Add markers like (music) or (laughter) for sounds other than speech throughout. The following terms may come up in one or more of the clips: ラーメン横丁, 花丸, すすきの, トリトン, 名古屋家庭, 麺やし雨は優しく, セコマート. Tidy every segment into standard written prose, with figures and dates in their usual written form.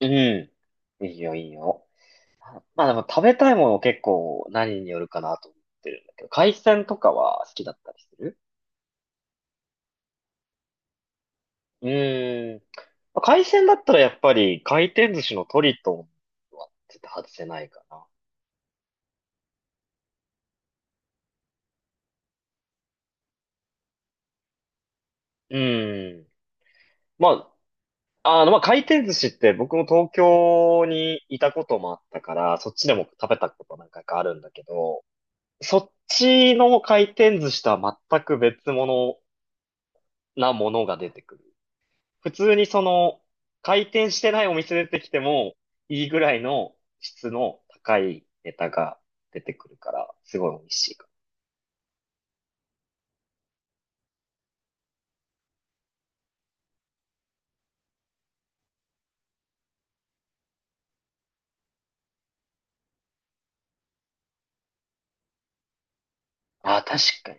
うん。いいよ、いいよ。まあでも食べたいもの結構何によるかなと思ってるんだけど、海鮮とかは好きだったりする？うーん。まあ海鮮だったらやっぱり回転寿司のトリトンは絶対外せないかな。うーん。まあ、まあ回転寿司って僕も東京にいたこともあったから、そっちでも食べたこと何回かあるんだけど、そっちの回転寿司とは全く別物なものが出てくる。普通に回転してないお店出てきても、いいぐらいの質の高いネタが出てくるから、すごい美味しいか。ああ、確かに。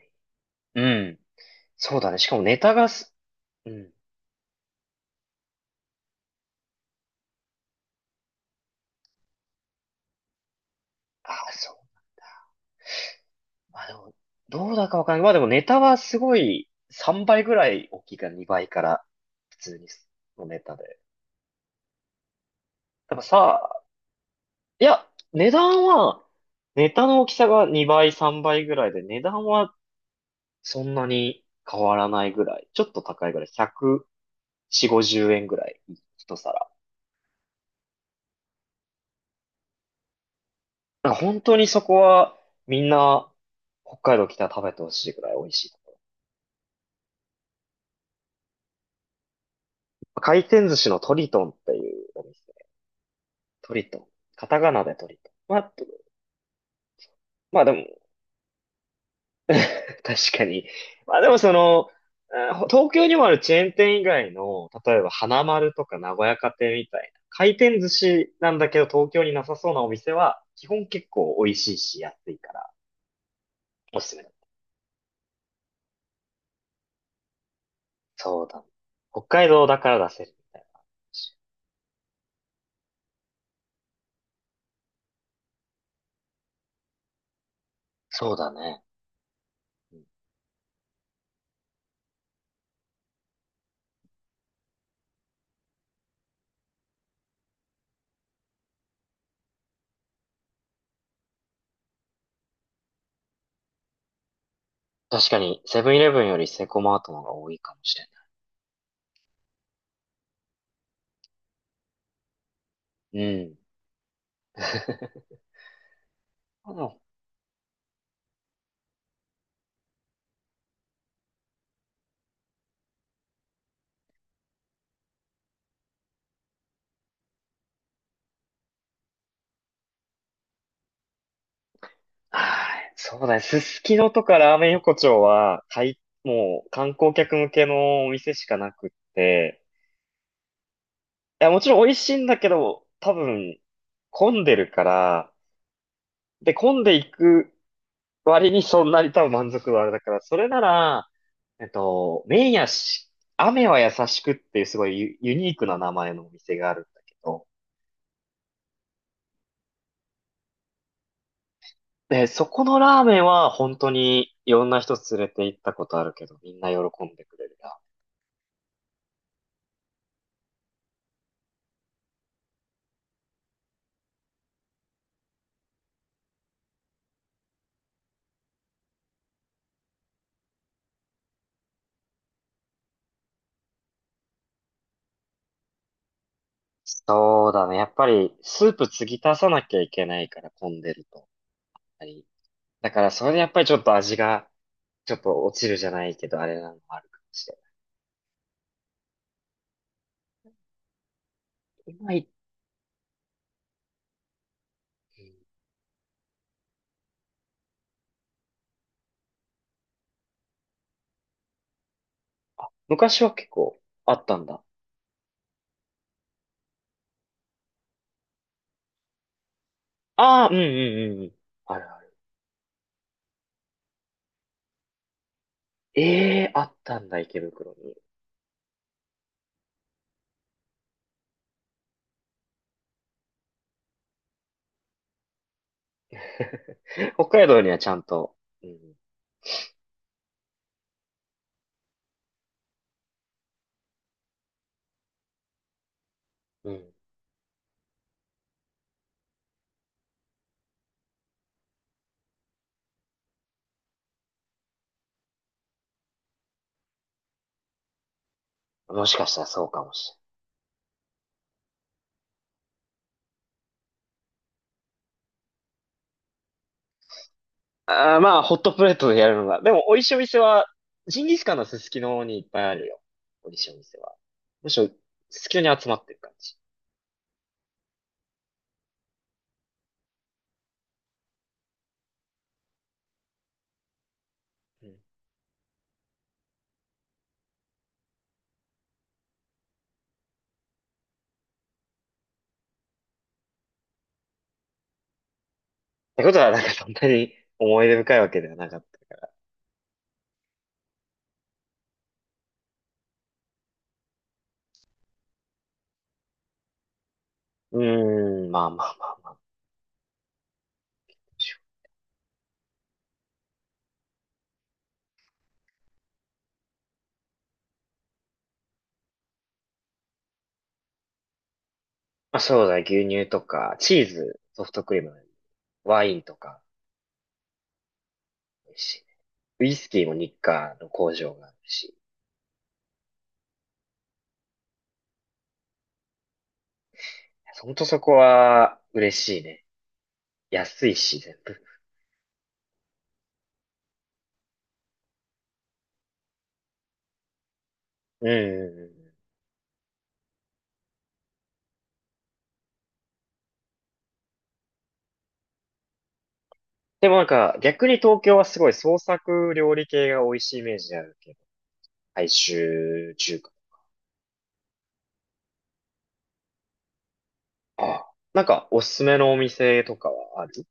うん。そうだね。しかもネタが。うん。ああ、そう。まあでも、どうだかわかんない。まあでもネタはすごい3倍ぐらい大きいから、2倍から普通にのネタで。やっぱさ、いや、値段は、ネタの大きさが2倍、3倍ぐらいで、値段はそんなに変わらないぐらい。ちょっと高いぐらい。140、50円ぐらい。一皿。なんか本当にそこはみんな北海道来たら食べてほしいぐらい美味しい。回転寿司のトリトンっていうお店。トリトン。カタカナでトリトン。まあでも、(laughs) 確かに。まあでも東京にもあるチェーン店以外の、例えば花丸とか名古屋家庭みたいな、回転寿司なんだけど東京になさそうなお店は、基本結構美味しいし安いから、おすすめ。そうだね。北海道だから出せるみたいな話。そうだね。うん、確かに、セブンイレブンよりセコマートの方が多いかもしれない。うん。(laughs) うん、はい、そうだね。すすきのとかラーメン横丁は、もう観光客向けのお店しかなくって、いや、もちろん美味しいんだけど、多分、混んでるから、で、混んでいく割にそんなに多分満足度あれだから、それなら、麺やし、雨は優しくっていうすごいユニークな名前のお店があるんだけど、で、そこのラーメンは本当にいろんな人連れて行ったことあるけど、みんな喜んでくれるな。そうだね。やっぱりスープ継ぎ足さなきゃいけないから混んでると。はい、だからそれでやっぱりちょっと味がちょっと落ちるじゃないけど、あれなのもあるかもしれない。うまい。うん、昔は結構あったんだ。ああ、うん、うん、うん、うん。あるある。ええ、あったんだ、池袋に。(laughs) 北海道にはちゃんと、うん、うん。もしかしたらそうかもしれない。ああ、まあ、ホットプレートでやるのが。でも、美味しいお店は、ジンギスカンのすすきのにいっぱいあるよ。美味しいお店は。むしろ、すすきのに集まってる感じ。うん。ってことは、なんかそんなに思い出深いわけではなかった。うーん、まあまあまあまあ。まあ、そうだ、牛乳とか、チーズ、ソフトクリーム、ワインとか、美味しいね。ウイスキーも日課の工場があるし。ほんとそこは、嬉しいね。安いし、全部。うん、うん、うん。でもなんか、逆に東京はすごい創作料理系が美味しいイメージであるけど、大衆中華。ああ。なんか、おすすめのお店とかはある？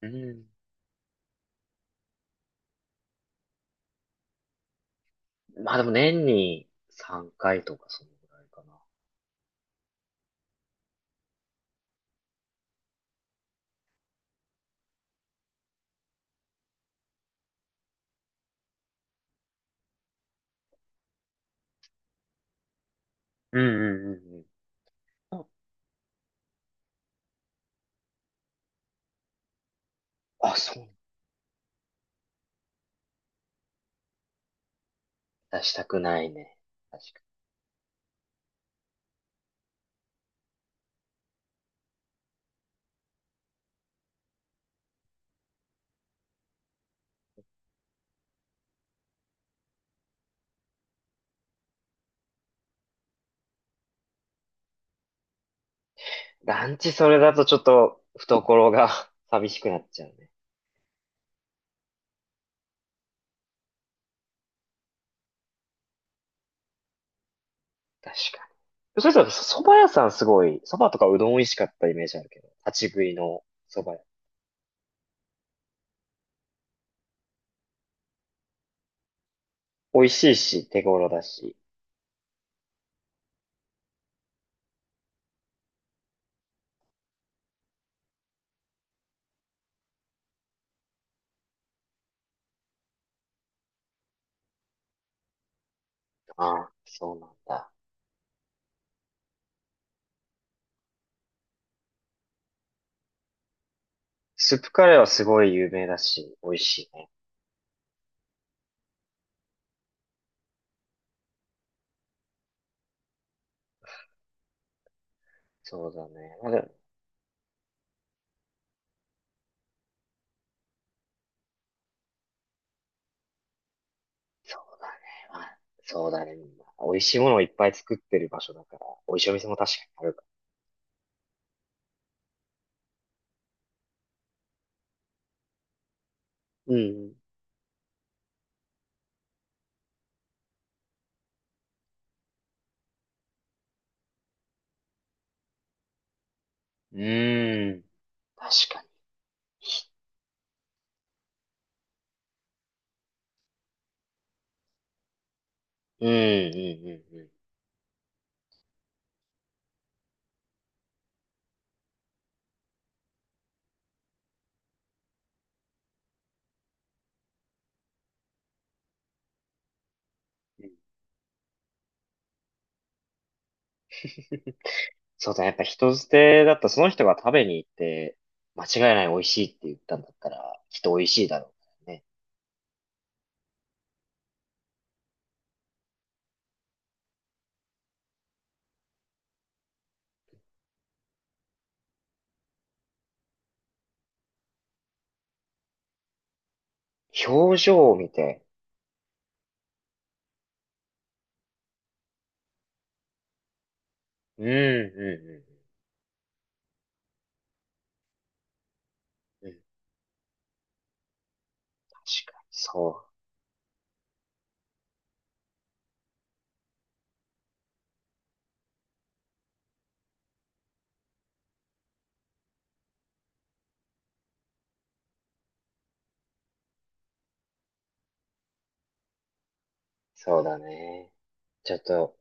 うん。まあでも年に3回とかそのぐらいかな。うん、うん、うん、うん。あ、そう。出したくないね。確かに。ランチそれだとちょっと懐が (laughs) 寂しくなっちゃうね。確かに。それさ、そば屋さんすごい、そばとかうどん美味しかったイメージあるけど、立ち食いのそば屋。美味しいし、手頃だし。ああ、そうなんだ。スープカレーはすごい有名だし、美味しいね。そうだね。まあ、でもそうだね。まあ、そうだね。まあ美味しいものをいっぱい作ってる場所だから、美味しいお店も確かにあるから。うん、うん。ーん。確かに。うん、うん、うん、うん。そうだね。やっぱ人捨てだったらその人が食べに行って、間違いない美味しいって言ったんだったら、きっと美味しいだろうからね。表情を見て、うん、うん、うん、うん。確かに、そう。そうだね。ちょっと、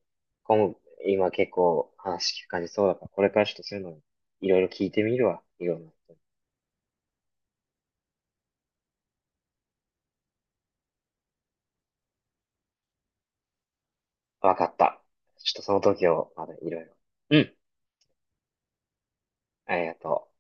今、今結構話聞く感じそうだから、これからちょっとそういうの、いろいろ聞いてみるわ。いろんな人に。わかった。ちょっとその時を、まだいろいろ。うん。ありがとう。